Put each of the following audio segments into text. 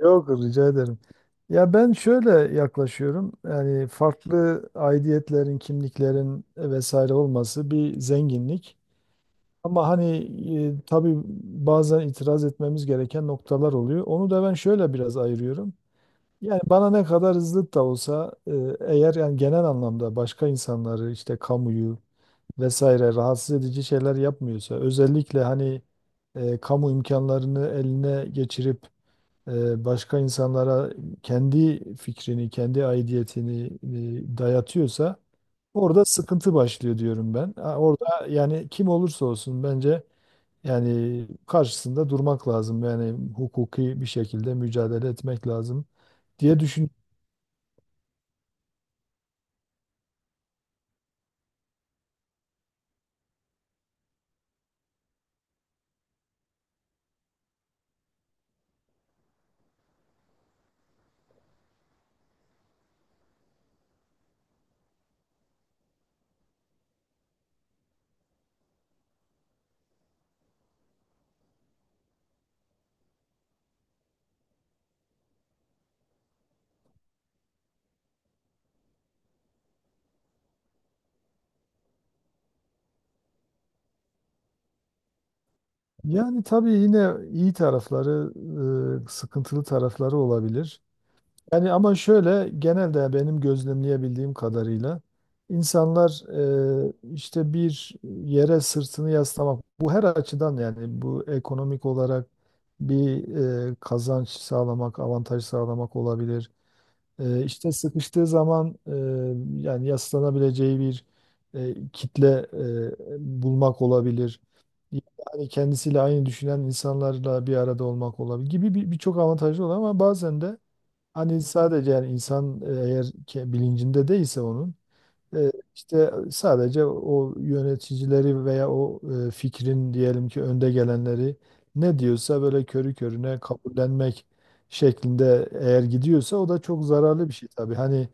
Yok rica ederim. Ya ben şöyle yaklaşıyorum. Yani farklı aidiyetlerin, kimliklerin vesaire olması bir zenginlik. Ama hani tabii bazen itiraz etmemiz gereken noktalar oluyor. Onu da ben şöyle biraz ayırıyorum. Yani bana ne kadar hızlı da olsa eğer yani genel anlamda başka insanları işte kamuyu vesaire rahatsız edici şeyler yapmıyorsa özellikle hani kamu imkanlarını eline geçirip başka insanlara kendi fikrini, kendi aidiyetini dayatıyorsa orada sıkıntı başlıyor diyorum ben. Ha, orada yani kim olursa olsun bence yani karşısında durmak lazım. Yani hukuki bir şekilde mücadele etmek lazım diye düşün. Yani tabii yine iyi tarafları, sıkıntılı tarafları olabilir. Yani ama şöyle genelde benim gözlemleyebildiğim kadarıyla insanlar işte bir yere sırtını yaslamak bu her açıdan yani bu ekonomik olarak bir kazanç sağlamak, avantaj sağlamak olabilir. İşte sıkıştığı zaman yani yaslanabileceği bir kitle bulmak olabilir. Yani kendisiyle aynı düşünen insanlarla bir arada olmak olabilir gibi birçok avantajı olan ama bazen de hani sadece yani insan eğer bilincinde değilse onun işte sadece o yöneticileri veya o fikrin diyelim ki önde gelenleri ne diyorsa böyle körü körüne kabullenmek şeklinde eğer gidiyorsa o da çok zararlı bir şey tabii. Hani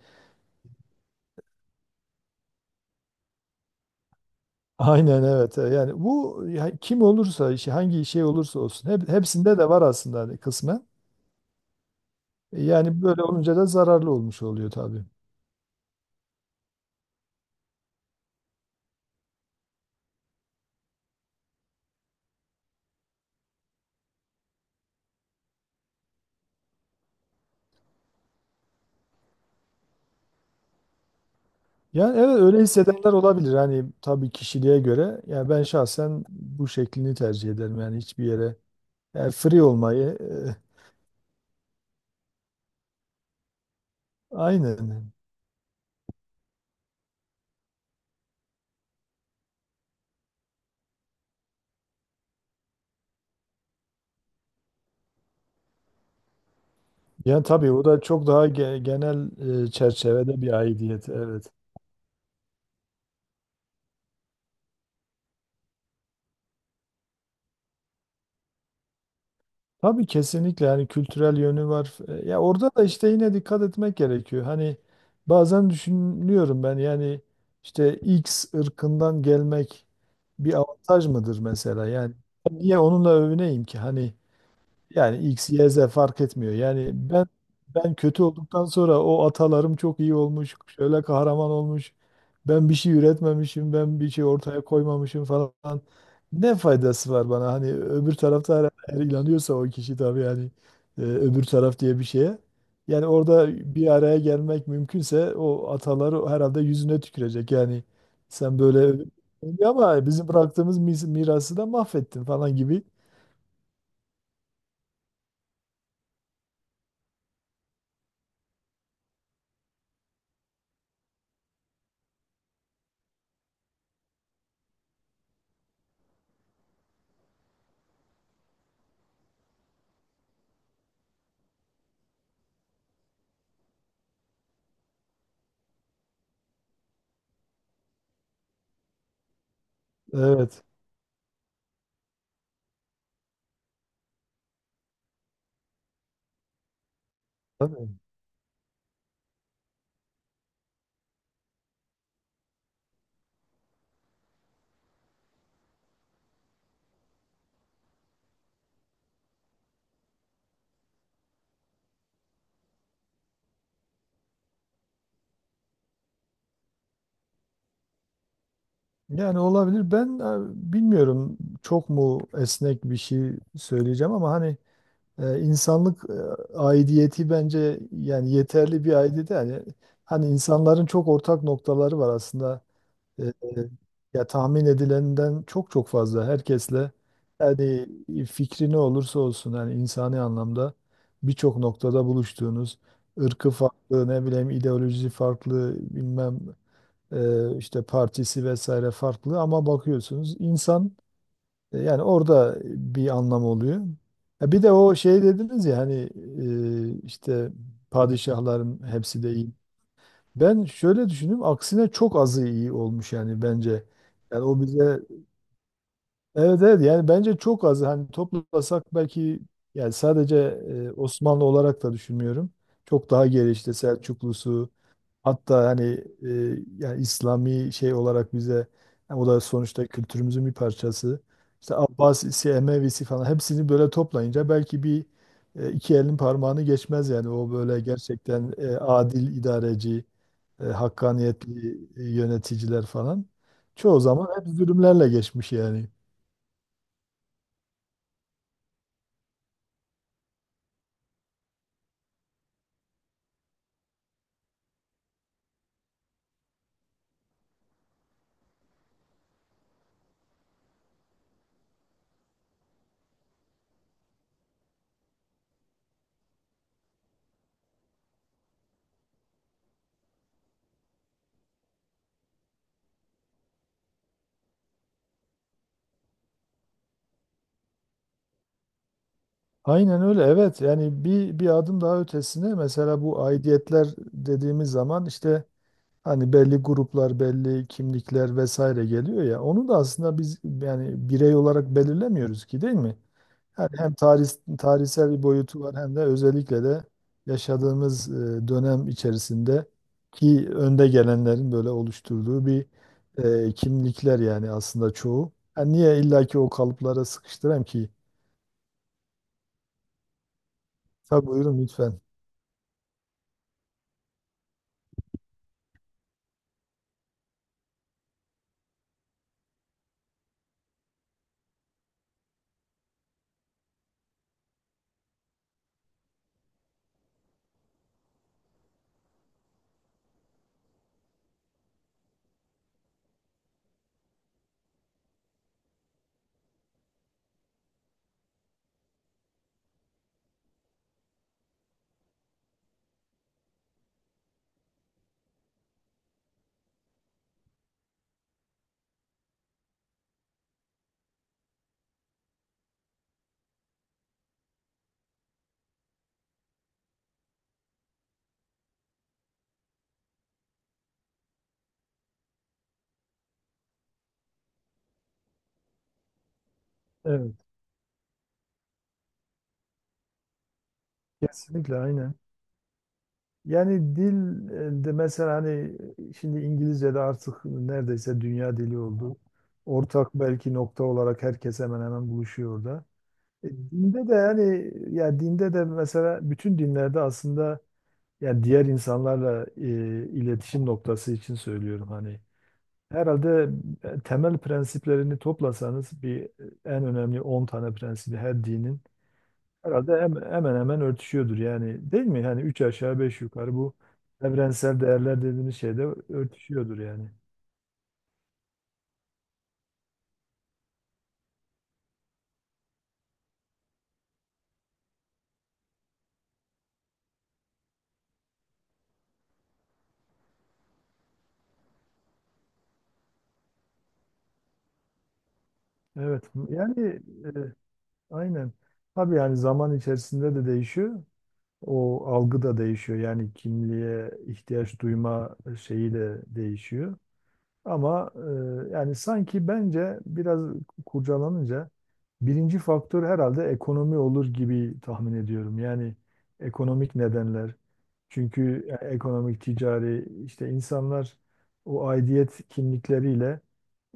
aynen evet. Yani bu ya kim olursa işi hangi şey olursa olsun hepsinde de var aslında hani kısmen. Yani böyle olunca da zararlı olmuş oluyor tabii. Yani evet öyle hissedenler olabilir. Hani tabii kişiliğe göre. Yani ben şahsen bu şeklini tercih ederim. Yani hiçbir yere yani free olmayı aynen. Yani tabii o da çok daha genel çerçevede bir aidiyet. Evet. Tabii kesinlikle yani kültürel yönü var. Ya orada da işte yine dikkat etmek gerekiyor. Hani bazen düşünüyorum ben yani işte X ırkından gelmek bir avantaj mıdır mesela? Yani niye onunla övüneyim ki? Hani yani X, Y, Z fark etmiyor. Yani ben kötü olduktan sonra o atalarım çok iyi olmuş, şöyle kahraman olmuş. Ben bir şey üretmemişim, ben bir şey ortaya koymamışım falan. Ne faydası var bana? Hani öbür tarafta her inanıyorsa o kişi tabii yani öbür taraf diye bir şeye. Yani orada bir araya gelmek mümkünse o ataları herhalde yüzüne tükürecek. Yani sen böyle ama bizim bıraktığımız mirası da mahvettin falan gibi. Evet. Tabii. Yani olabilir. Ben bilmiyorum çok mu esnek bir şey söyleyeceğim ama hani insanlık aidiyeti bence yani yeterli bir aidiyet. Yani hani insanların çok ortak noktaları var aslında. E, e, ya tahmin edilenden çok çok fazla herkesle yani fikri ne olursa olsun yani insani anlamda birçok noktada buluştuğunuz ırkı farklı ne bileyim ideolojisi farklı bilmem işte partisi vesaire farklı ama bakıyorsunuz insan yani orada bir anlam oluyor. Ya bir de o şey dediniz ya hani işte padişahların hepsi de iyi. Ben şöyle düşündüm aksine çok azı iyi olmuş yani bence. Yani o bize evet evet, yani bence çok azı hani toplasak belki yani sadece Osmanlı olarak da düşünmüyorum. Çok daha geri işte Selçuklusu, hatta hani e, yani İslami şey olarak bize yani o da sonuçta kültürümüzün bir parçası. İşte Abbasisi, Emevisi falan hepsini böyle toplayınca belki bir iki elin parmağını geçmez yani o böyle gerçekten adil idareci, hakkaniyetli yöneticiler falan. Çoğu zaman hep zulümlerle geçmiş yani. Aynen öyle evet yani bir adım daha ötesine mesela bu aidiyetler dediğimiz zaman işte hani belli gruplar belli kimlikler vesaire geliyor ya onu da aslında biz yani birey olarak belirlemiyoruz ki değil mi? Yani hem tarihsel bir boyutu var hem de özellikle de yaşadığımız dönem içerisinde ki önde gelenlerin böyle oluşturduğu bir kimlikler yani aslında çoğu. Yani niye illaki o kalıplara sıkıştırayım ki? Tabii buyurun lütfen. Evet. Kesinlikle aynen. Yani dil de mesela hani şimdi İngilizce de artık neredeyse dünya dili oldu. Ortak belki nokta olarak herkes hemen hemen buluşuyor orada. Dinde de yani ya dinde de mesela bütün dinlerde aslında yani diğer insanlarla iletişim noktası için söylüyorum hani. Herhalde temel prensiplerini toplasanız bir en önemli 10 tane prensibi her dinin herhalde hemen hemen örtüşüyordur yani değil mi? Yani üç aşağı beş yukarı bu evrensel değerler dediğimiz şeyde örtüşüyordur yani. Evet yani e, aynen. Tabii yani zaman içerisinde de değişiyor. O algı da değişiyor. Yani kimliğe ihtiyaç duyma şeyi de değişiyor. Ama yani sanki bence biraz kurcalanınca birinci faktör herhalde ekonomi olur gibi tahmin ediyorum. Yani ekonomik nedenler. Çünkü ekonomik, ticari işte insanlar o aidiyet kimlikleriyle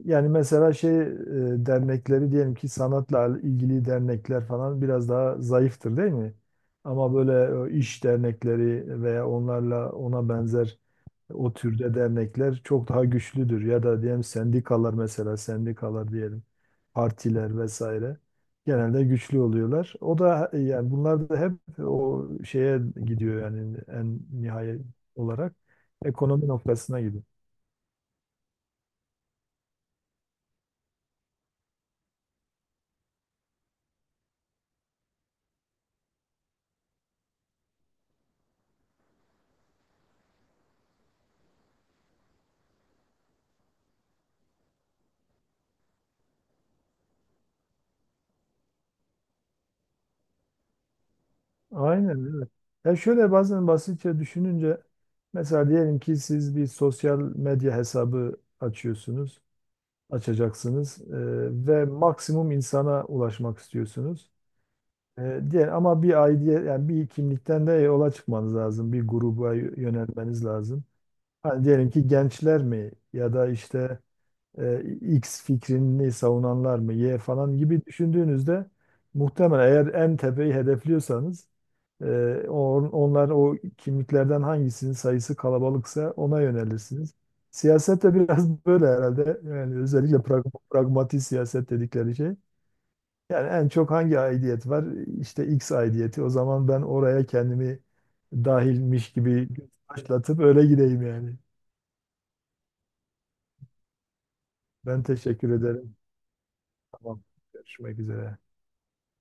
yani mesela şey dernekleri diyelim ki sanatla ilgili dernekler falan biraz daha zayıftır değil mi? Ama böyle iş dernekleri veya onlarla ona benzer o türde dernekler çok daha güçlüdür. Ya da diyelim sendikalar, mesela sendikalar diyelim, partiler vesaire genelde güçlü oluyorlar. O da yani bunlar da hep o şeye gidiyor yani en nihayet olarak ekonomi noktasına gidiyor. Aynen evet. Ya şöyle bazen basitçe düşününce mesela diyelim ki siz bir sosyal medya hesabı açıyorsunuz, açacaksınız ve maksimum insana ulaşmak istiyorsunuz. Diğer ama bir aidiyet yani bir kimlikten de yola çıkmanız lazım. Bir gruba yönelmeniz lazım. Hani diyelim ki gençler mi ya da işte X fikrini savunanlar mı Y falan gibi düşündüğünüzde muhtemelen eğer en tepeyi hedefliyorsanız e, onlar o kimliklerden hangisinin sayısı kalabalıksa ona yönelirsiniz. Siyaset de biraz böyle herhalde. Yani özellikle pragmatik siyaset dedikleri şey. Yani en çok hangi aidiyet var? İşte X aidiyeti. O zaman ben oraya kendimi dahilmiş gibi başlatıp öyle gideyim yani. Ben teşekkür ederim. Tamam. Görüşmek üzere.